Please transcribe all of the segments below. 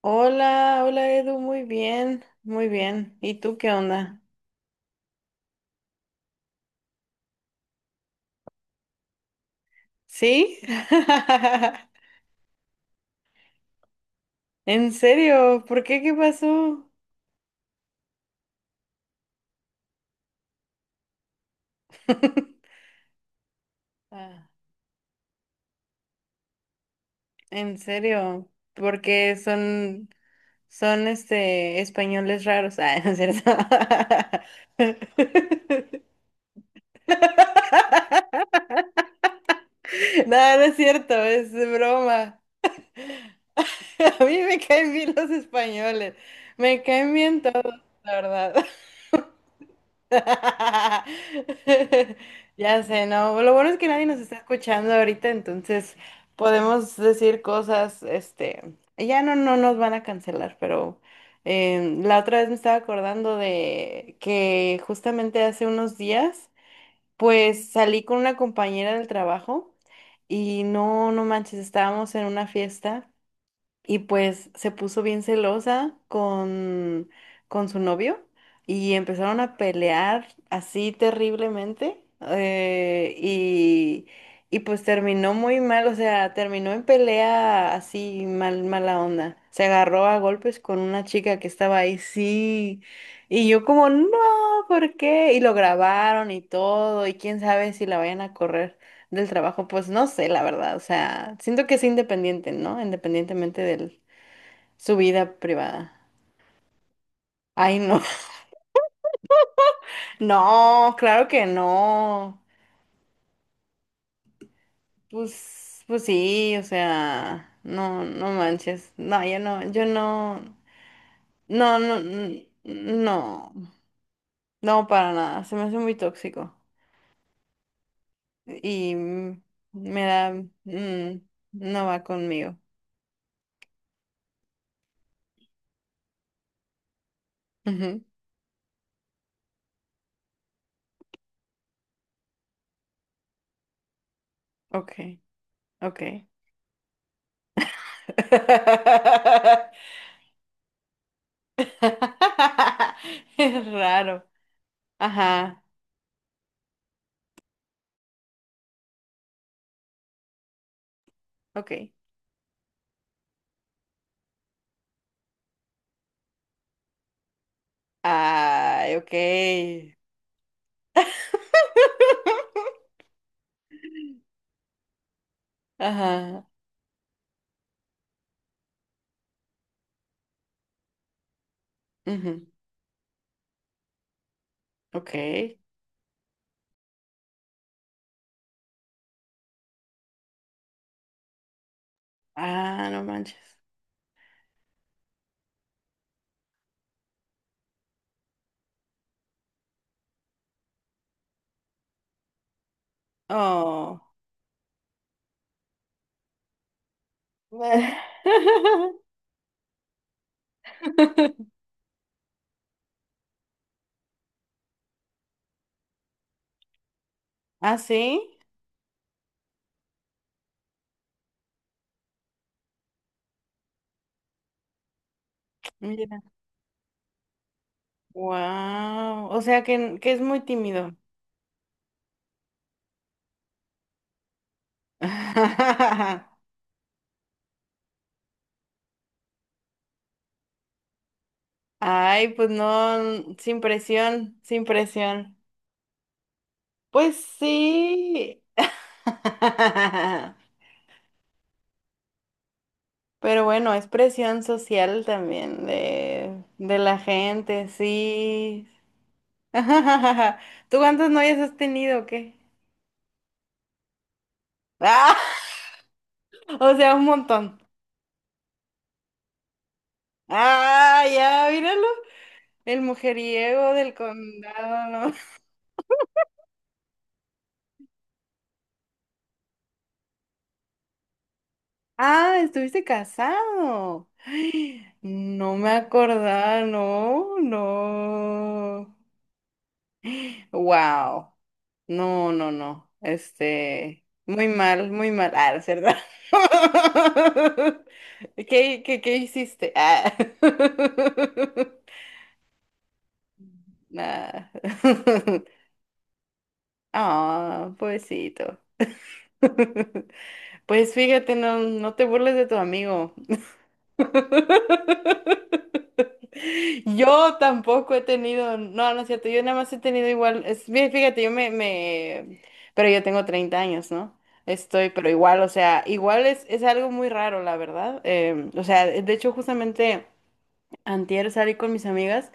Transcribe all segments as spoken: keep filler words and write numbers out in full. Hola, hola Edu, muy bien, muy bien. ¿Y tú qué onda? ¿Sí? ¿En serio? ¿Por qué? ¿Qué pasó? Ah, ¿en serio? Porque son, son este, españoles raros. Ah, no es cierto. No, no es cierto, es broma. A mí me caen bien los españoles. Me caen bien todos, la verdad. Ya sé, ¿no? Lo bueno es que nadie nos está escuchando ahorita, entonces podemos decir cosas, este, ya no, no nos van a cancelar, pero em, la otra vez me estaba acordando de que justamente hace unos días, pues salí con una compañera del trabajo y no, no manches, estábamos en una fiesta. Y pues se puso bien celosa con, con su novio y empezaron a pelear así terriblemente. eh, y, y pues terminó muy mal, o sea, terminó en pelea así mal, mala onda. Se agarró a golpes con una chica que estaba ahí, sí. Y yo como, no, ¿por qué? Y lo grabaron y todo, y quién sabe si la vayan a correr del trabajo, pues no sé, la verdad, o sea, siento que es independiente, ¿no? Independientemente de su vida privada. Ay, no, no, claro que no. Pues, pues sí, o sea, no, no manches. No, yo no, yo no, no, no, n- no, no, para nada, se me hace muy tóxico y mm, me da, mm, no va conmigo. Ujú, ok, ok. Es raro. Ajá, ok. Ay, ok. Ajá, ujú, ok. Ah, no manches. Oh. ¿Ah, sí? Mira. Wow. O sea que, que es muy tímido. Ay, pues no, n- sin presión, sin presión. Pues sí. Pero bueno, es presión social también de, de la gente, sí. ¿Tú cuántas novias has tenido o qué? ¡Ah! O sea, un montón. Ah, ya, míralo. El mujeriego del condado, ¿no? Ah, estuviste casado. Ay, no me acordaba, no, no. Wow. No, no, no. Este, muy mal, muy mal. Ah, es verdad. ¿Qué, qué, qué hiciste? Ah. Nada. Ah, pobrecito. Pues fíjate, no, no te burles de tu amigo. Yo tampoco he tenido, no, no es cierto, yo nada más he tenido igual, es, bien, fíjate, yo me, me, pero yo tengo treinta años, ¿no? Estoy, pero igual, o sea, igual es, es algo muy raro, la verdad. em, o sea, de hecho, justamente antier salí con mis amigas,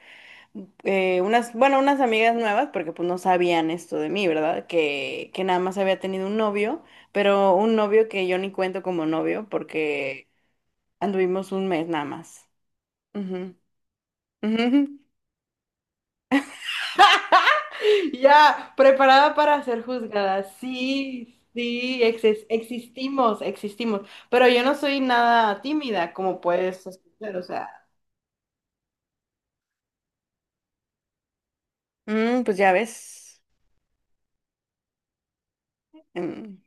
eh, unas, bueno, unas amigas nuevas, porque pues no sabían esto de mí, ¿verdad? Que, que nada más había tenido un novio, pero un novio que yo ni cuento como novio, porque anduvimos un mes nada más. Ujú, ujú. Ya, preparada para ser juzgada. Sí, sí, exis- existimos, existimos. Pero yo no soy nada tímida, como puedes escuchar, o sea. Mm, pues ya ves. Mm,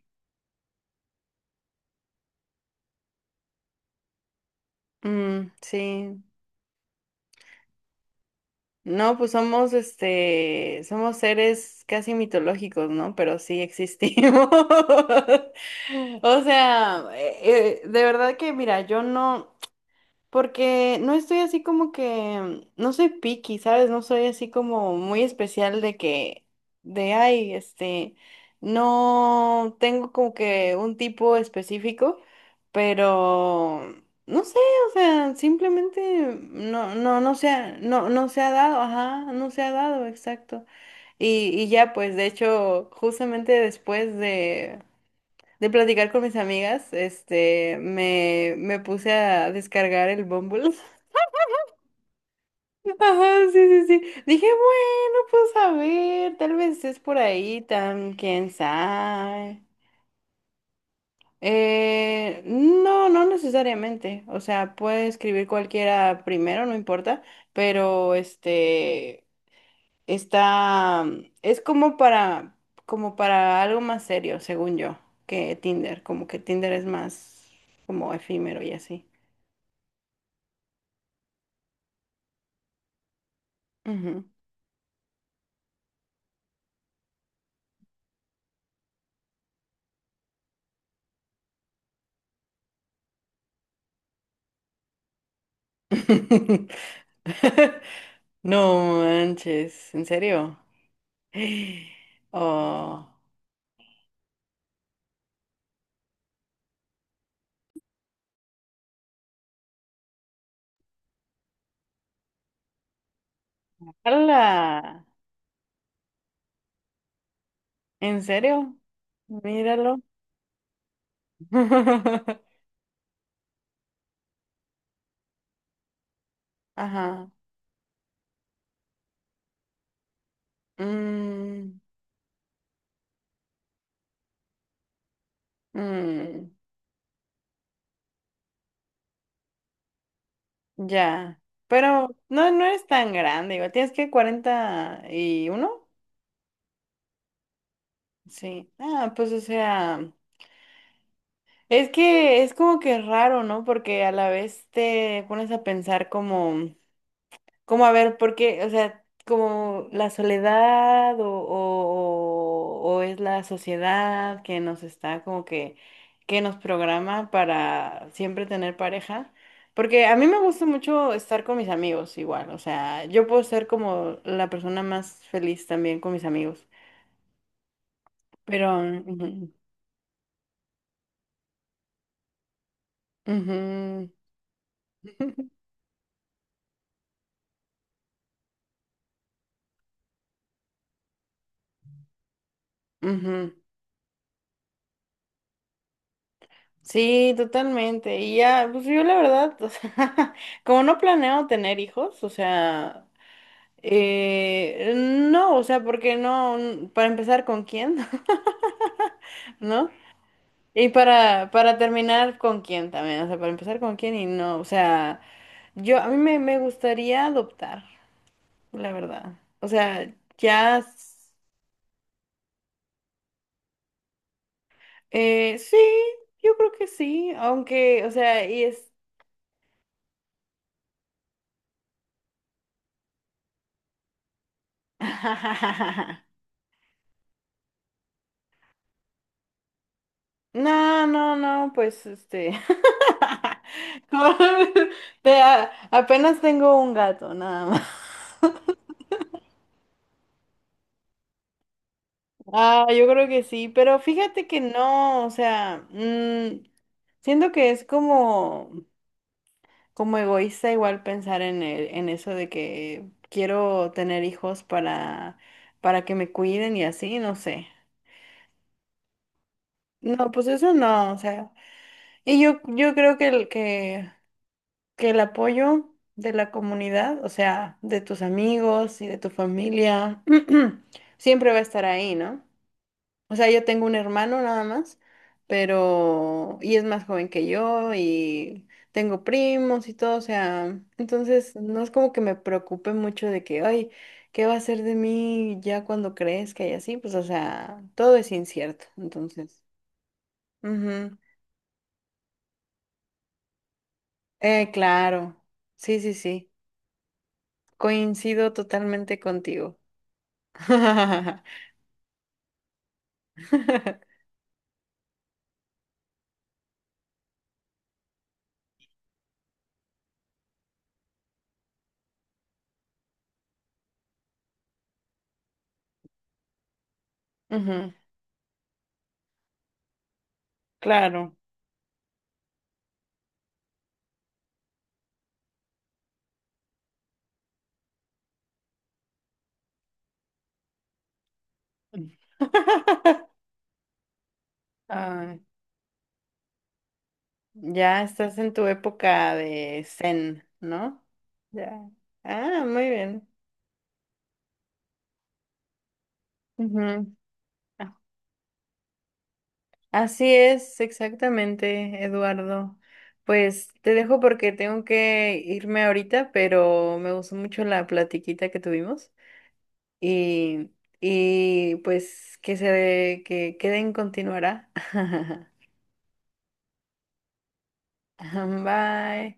mm, sí. No, pues somos, este, somos seres casi mitológicos, ¿no? Pero sí existimos. O sea, eh, eh, de verdad que, mira, yo no. Porque no estoy así como que, no soy picky, ¿sabes? No soy así como muy especial de que, de, ay, este, no tengo como que un tipo específico, pero, no sé, o sea, simplemente no, no, no se ha, no, no se ha dado, ajá, no se ha dado, exacto. Y, y ya, pues, de hecho, justamente después de platicar con mis amigas, este, me, me puse a descargar el Bumble. Ajá, sí, sí, sí. Dije, bueno, pues a ver, tal vez es por ahí, tan, quién sabe. Eh, no, no necesariamente. O sea, puede escribir cualquiera primero, no importa, pero este está, es como para, como para algo más serio, según yo, que Tinder. Como que Tinder es más como efímero y así. Ujú. No manches, ¿en serio? Oh, ¡hala! ¿En serio? Míralo. Ajá. Mm, mm, ya. Pero no, no es tan grande, igual. ¿Tienes que cuarenta y uno? Sí. Ah, pues o sea, es que es como que raro, ¿no? Porque a la vez te pones a pensar como. Como a ver, ¿por qué? O sea, como la soledad o, o- o es la sociedad que nos está como que, que nos programa para siempre tener pareja. Porque a mí me gusta mucho estar con mis amigos igual, o sea, yo puedo ser como la persona más feliz también con mis amigos. Pero... ujú, ujú. Ujú. Sí, totalmente. Y ya, pues yo la verdad, o sea, como no planeo tener hijos, o sea, Eh, no, o sea, porque no, n- para empezar con quién, ¿no? Y para, para terminar con quién también, o sea, para empezar con quién y no, o sea, yo, a mí me, me gustaría adoptar, la verdad. O sea, ya, s- eh, sí, yo creo que sí, aunque, o sea, y es... No, no, no, pues este... Como- Te- a- apenas tengo un gato, nada más. Ah, yo creo que sí, pero fíjate que no, o sea, mm, siento que es como, como, egoísta igual pensar en el- en eso de que quiero tener hijos para, para que me cuiden y así, no sé. No, pues eso no, o sea, y yo, yo creo que el, que, que el apoyo de la comunidad, o sea, de tus amigos y de tu familia, siempre va a estar ahí, ¿no? O sea, yo tengo un hermano nada más, pero... Y es más joven que yo y tengo primos y todo, o sea, entonces no es como que me preocupe mucho de que, ay, ¿qué va a ser de mí ya cuando crezca y así? Pues, o sea, todo es incierto, entonces. Ujú. Eh, claro, sí, sí, sí, coincido totalmente contigo. Ujú, claro. Ay, ya estás en tu época de zen, ¿no? Ya. Ah, muy bien. Ujú. Ah, así es, exactamente, Eduardo. Pues te dejo porque tengo que irme ahorita, pero me gustó mucho la platiquita que tuvimos y, y pues que se que queden continuará. Bye.